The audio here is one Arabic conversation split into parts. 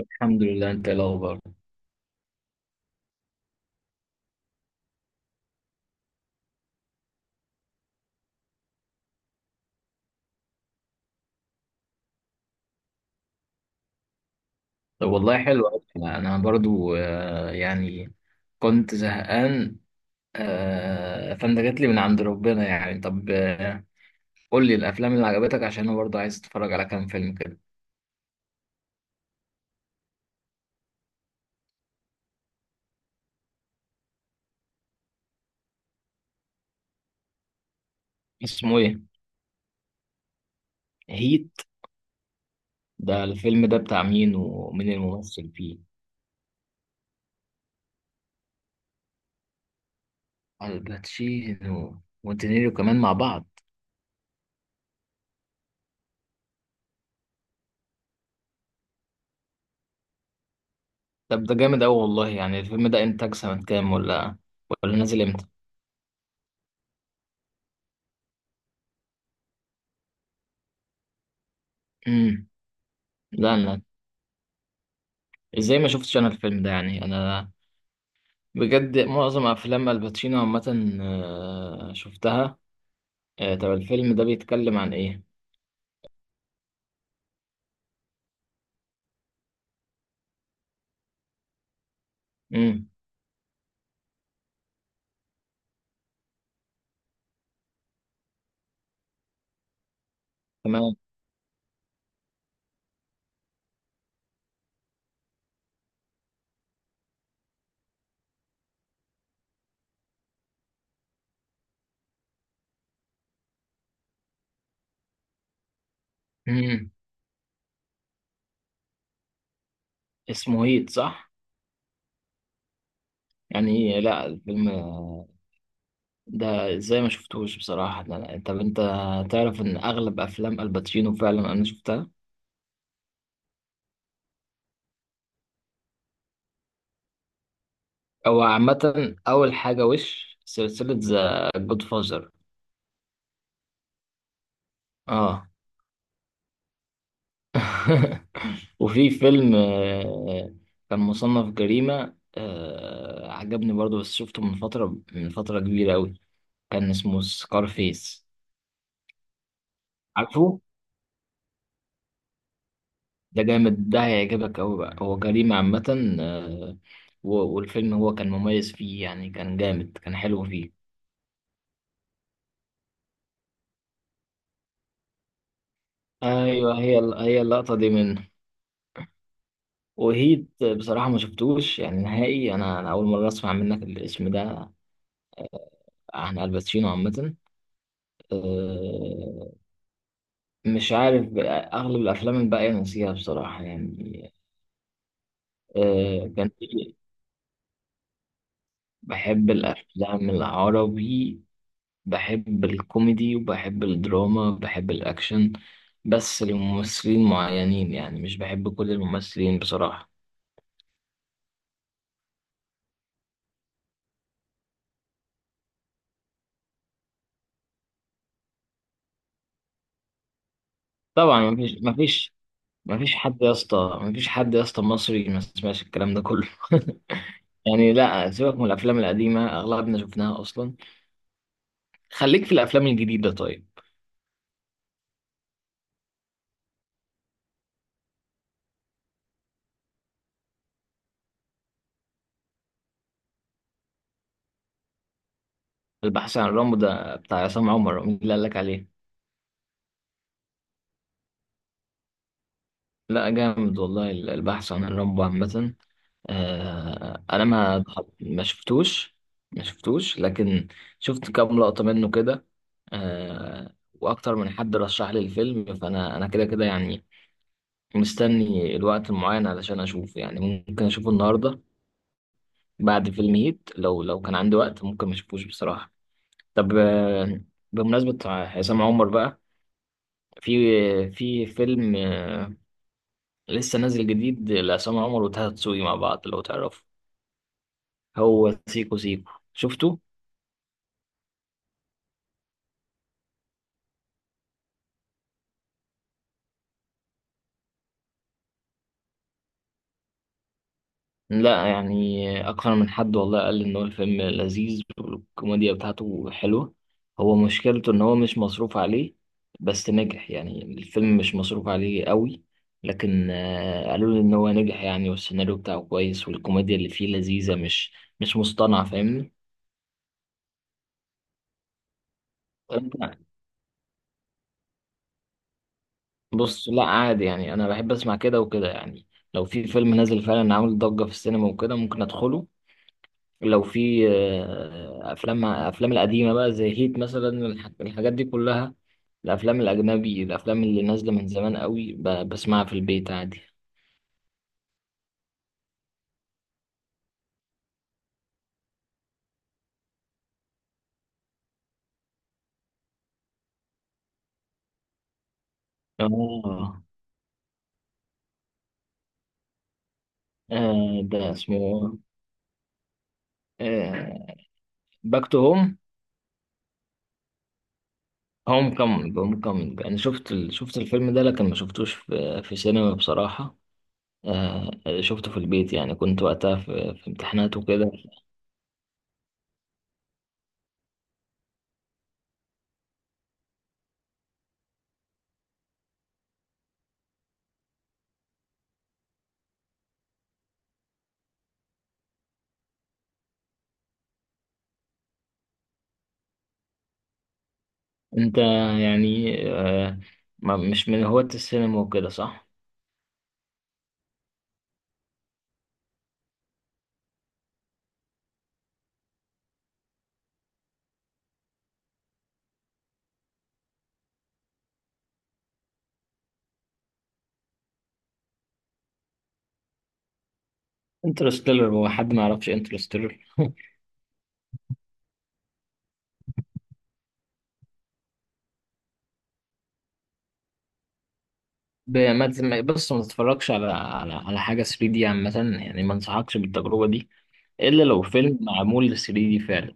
الحمد لله. انت ايه الاخبار؟ طب والله حلو أوي. انا برضو يعني كنت زهقان. فانت جات لي من عند ربنا يعني. طب قول لي الافلام اللي عجبتك عشان انا برضو عايز اتفرج على كام فيلم كده. اسمه ايه؟ هيت؟ ده الفيلم ده بتاع مين، ومين الممثل فيه؟ الباتشينو ودينيرو كمان مع بعض؟ طب ده جامد قوي والله. يعني الفيلم ده انتاج سنة كام، ولا ولا نازل امتى؟ امم لا انا ازاي ما شفتش انا الفيلم ده يعني؟ انا بجد معظم افلام الباتشينو عامه شفتها. طب الفيلم ده بيتكلم عن ايه؟ امم تمام. امم اسمه هيت صح؟ يعني لا الفيلم ده، ازاي ما شفتوش بصراحه؟ طب انت تعرف ان اغلب افلام الباتشينو فعلا انا شفتها. هو عامه اول حاجه وش سلسله ذا جود فازر. اه. وفي فيلم كان مصنف جريمة، عجبني برضو بس شفته من فترة، من فترة كبيرة أوي. كان اسمه سكارفيس. عارفه؟ ده جامد، ده هيعجبك أوي بقى. هو جريمة عامة، والفيلم هو كان مميز فيه يعني، كان جامد، كان حلو فيه. أيوه، هي اللقطة دي منه. وهيت بصراحة ما شفتوش يعني نهائي. أنا أول مرة أسمع منك الاسم ده عن الباتشينو عامة. آه، مش عارف بقى، أغلب الأفلام الباقية نسيها بصراحة يعني. آه، كان في- بحب الأفلام العربي. بحب الكوميدي، وبحب الدراما، بحب الأكشن، بس لممثلين معينين يعني، مش بحب كل الممثلين بصراحة. طبعا مفيش مفيش حد يا اسطى، مفيش حد يا اسطى مصري ما سمعش الكلام ده كله. يعني لا، سيبك من الأفلام القديمة أغلبنا شفناها أصلا. خليك في الأفلام الجديدة طيب. البحث عن رامبو ده بتاع عصام عمر؟ مين اللي قال لك عليه؟ لا جامد والله البحث عن رامبو عامة. آه أنا ما شفتوش، ما شفتوش، لكن شفت كام لقطة منه كده. آه، وأكتر من حد رشح لي الفيلم، أنا كده كده يعني مستني الوقت المعين علشان أشوفه يعني. ممكن أشوفه النهاردة بعد فيلم هيت. لو كان عندي وقت، ممكن ما أشوفوش بصراحة. طب بمناسبة عصام عمر بقى، في في فيلم لسه نازل جديد لعصام عمر وطه دسوقي مع بعض، لو تعرفه. هو سيكو سيكو، شفته؟ لا يعني أكثر من حد والله قال إن هو الفيلم لذيذ والكوميديا بتاعته حلوة. هو مشكلته إن هو مش مصروف عليه. بس نجح يعني، الفيلم مش مصروف عليه قوي، لكن قالوا لي إن هو نجح يعني، والسيناريو بتاعه كويس، والكوميديا اللي فيه لذيذة، مش مصطنعة، فاهمني؟ انت؟ بص لا عادي، يعني انا بحب اسمع كده وكده يعني. لو في فيلم نازل فعلا عامل ضجة في السينما وكده ممكن ادخله. لو في افلام القديمة بقى زي هيت مثلا، الحاجات دي كلها، الافلام الاجنبي، الافلام اللي نازلة من زمان قوي، بسمعها في البيت عادي. اه. ده اسمه باك تو هوم. هوم كامينج، هوم كامينج. انا شفت شفت الفيلم ده، لكن ما شفتوش في في سينما بصراحة. آه، شفته في البيت يعني، كنت وقتها في، في امتحانات وكده. انت يعني ما مش من هواة السينما وكده صح؟ انترستيلر؟ هو حد ما يعرفش انترستيلر. ب- ما تسمع- بص ما تتفرجش على على حاجة 3D دي عامة، يعني ما انصحكش بالتجربة دي، الا لو فيلم معمول لل 3D دي فعلا.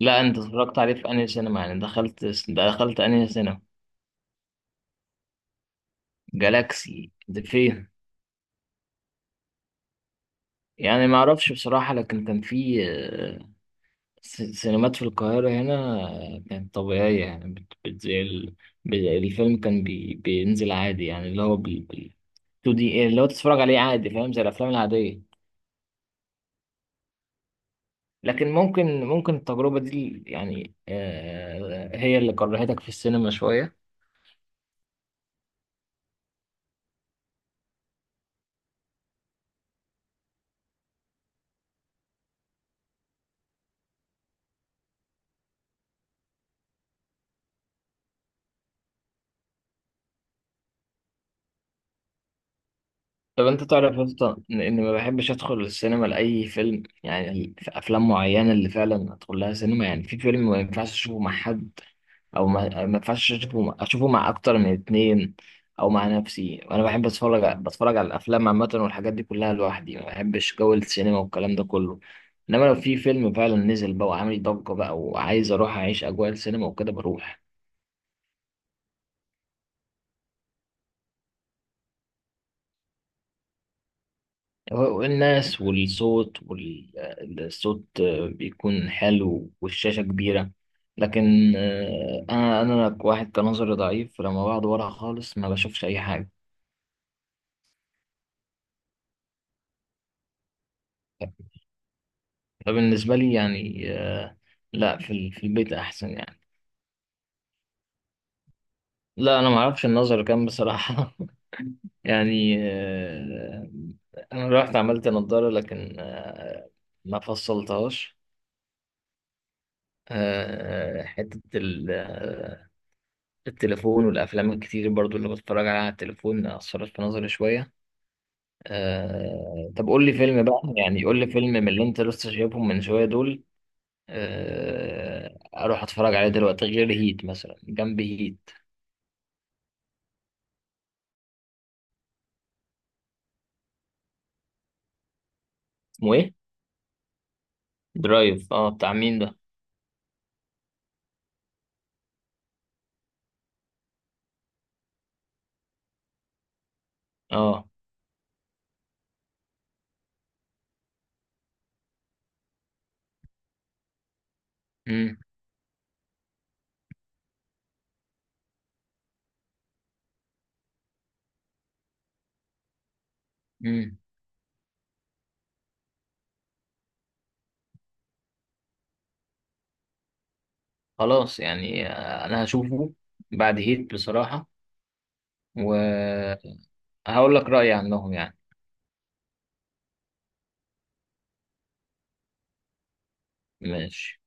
لا انت اتفرجت عليه في انهي سينما؟ يعني دخلت انهي سينما؟ جالاكسي ده فين؟ يعني ما اعرفش بصراحة. لكن كان في سينمات في القاهرة هنا كانت طبيعية يعني، زي الفيلم كان بينزل عادي يعني اللي هو 2D اللي هو تتفرج عليه عادي، فاهم؟ زي الأفلام العادية. لكن ممكن، ممكن التجربة دي يعني هي اللي كرهتك في السينما شوية. طب أنت تعرف يا اسطى إن، إن ما بحبش أدخل السينما لأي فيلم. يعني في أفلام معينة اللي فعلا أدخل لها سينما. يعني في فيلم ما ينفعش أشوفه مع حد، او ما ينفعش اشوفه مع اكتر من اتنين، او مع نفسي. وانا بحب اتفرج بتفرج على الافلام عامه والحاجات دي كلها لوحدي. ما بحبش جو السينما والكلام ده كله. انما لو في فيلم فعلا نزل بقى وعامل ضجه بقى وعايز اروح اعيش اجواء السينما وكده، بروح. والناس والصوت بيكون حلو، والشاشه كبيره، لكن انا، انا واحد كنظري ضعيف، فلما بقعد ورا خالص ما بشوفش اي حاجه. بالنسبة لي يعني لا في في البيت أحسن يعني. لا أنا ما أعرفش النظر كام بصراحة. يعني أنا رحت عملت نضارة، لكن ما فصلتهاش. حتة التليفون والأفلام الكتير برضو اللي بتفرج عليها على التليفون أثرت في نظري شوية. طب قول لي فيلم بقى، يعني قول لي فيلم من اللي أنت لسه شايفهم من شوية دول، أروح أتفرج عليه دلوقتي غير هيت مثلا، جنب هيت. اسمه إيه؟ درايف. اه بتاع مين ده؟ اه. امم امم خلاص، يعني انا هشوفه بعد هيت بصراحة، وهقول لك رأيي عنهم يعني. ماشي.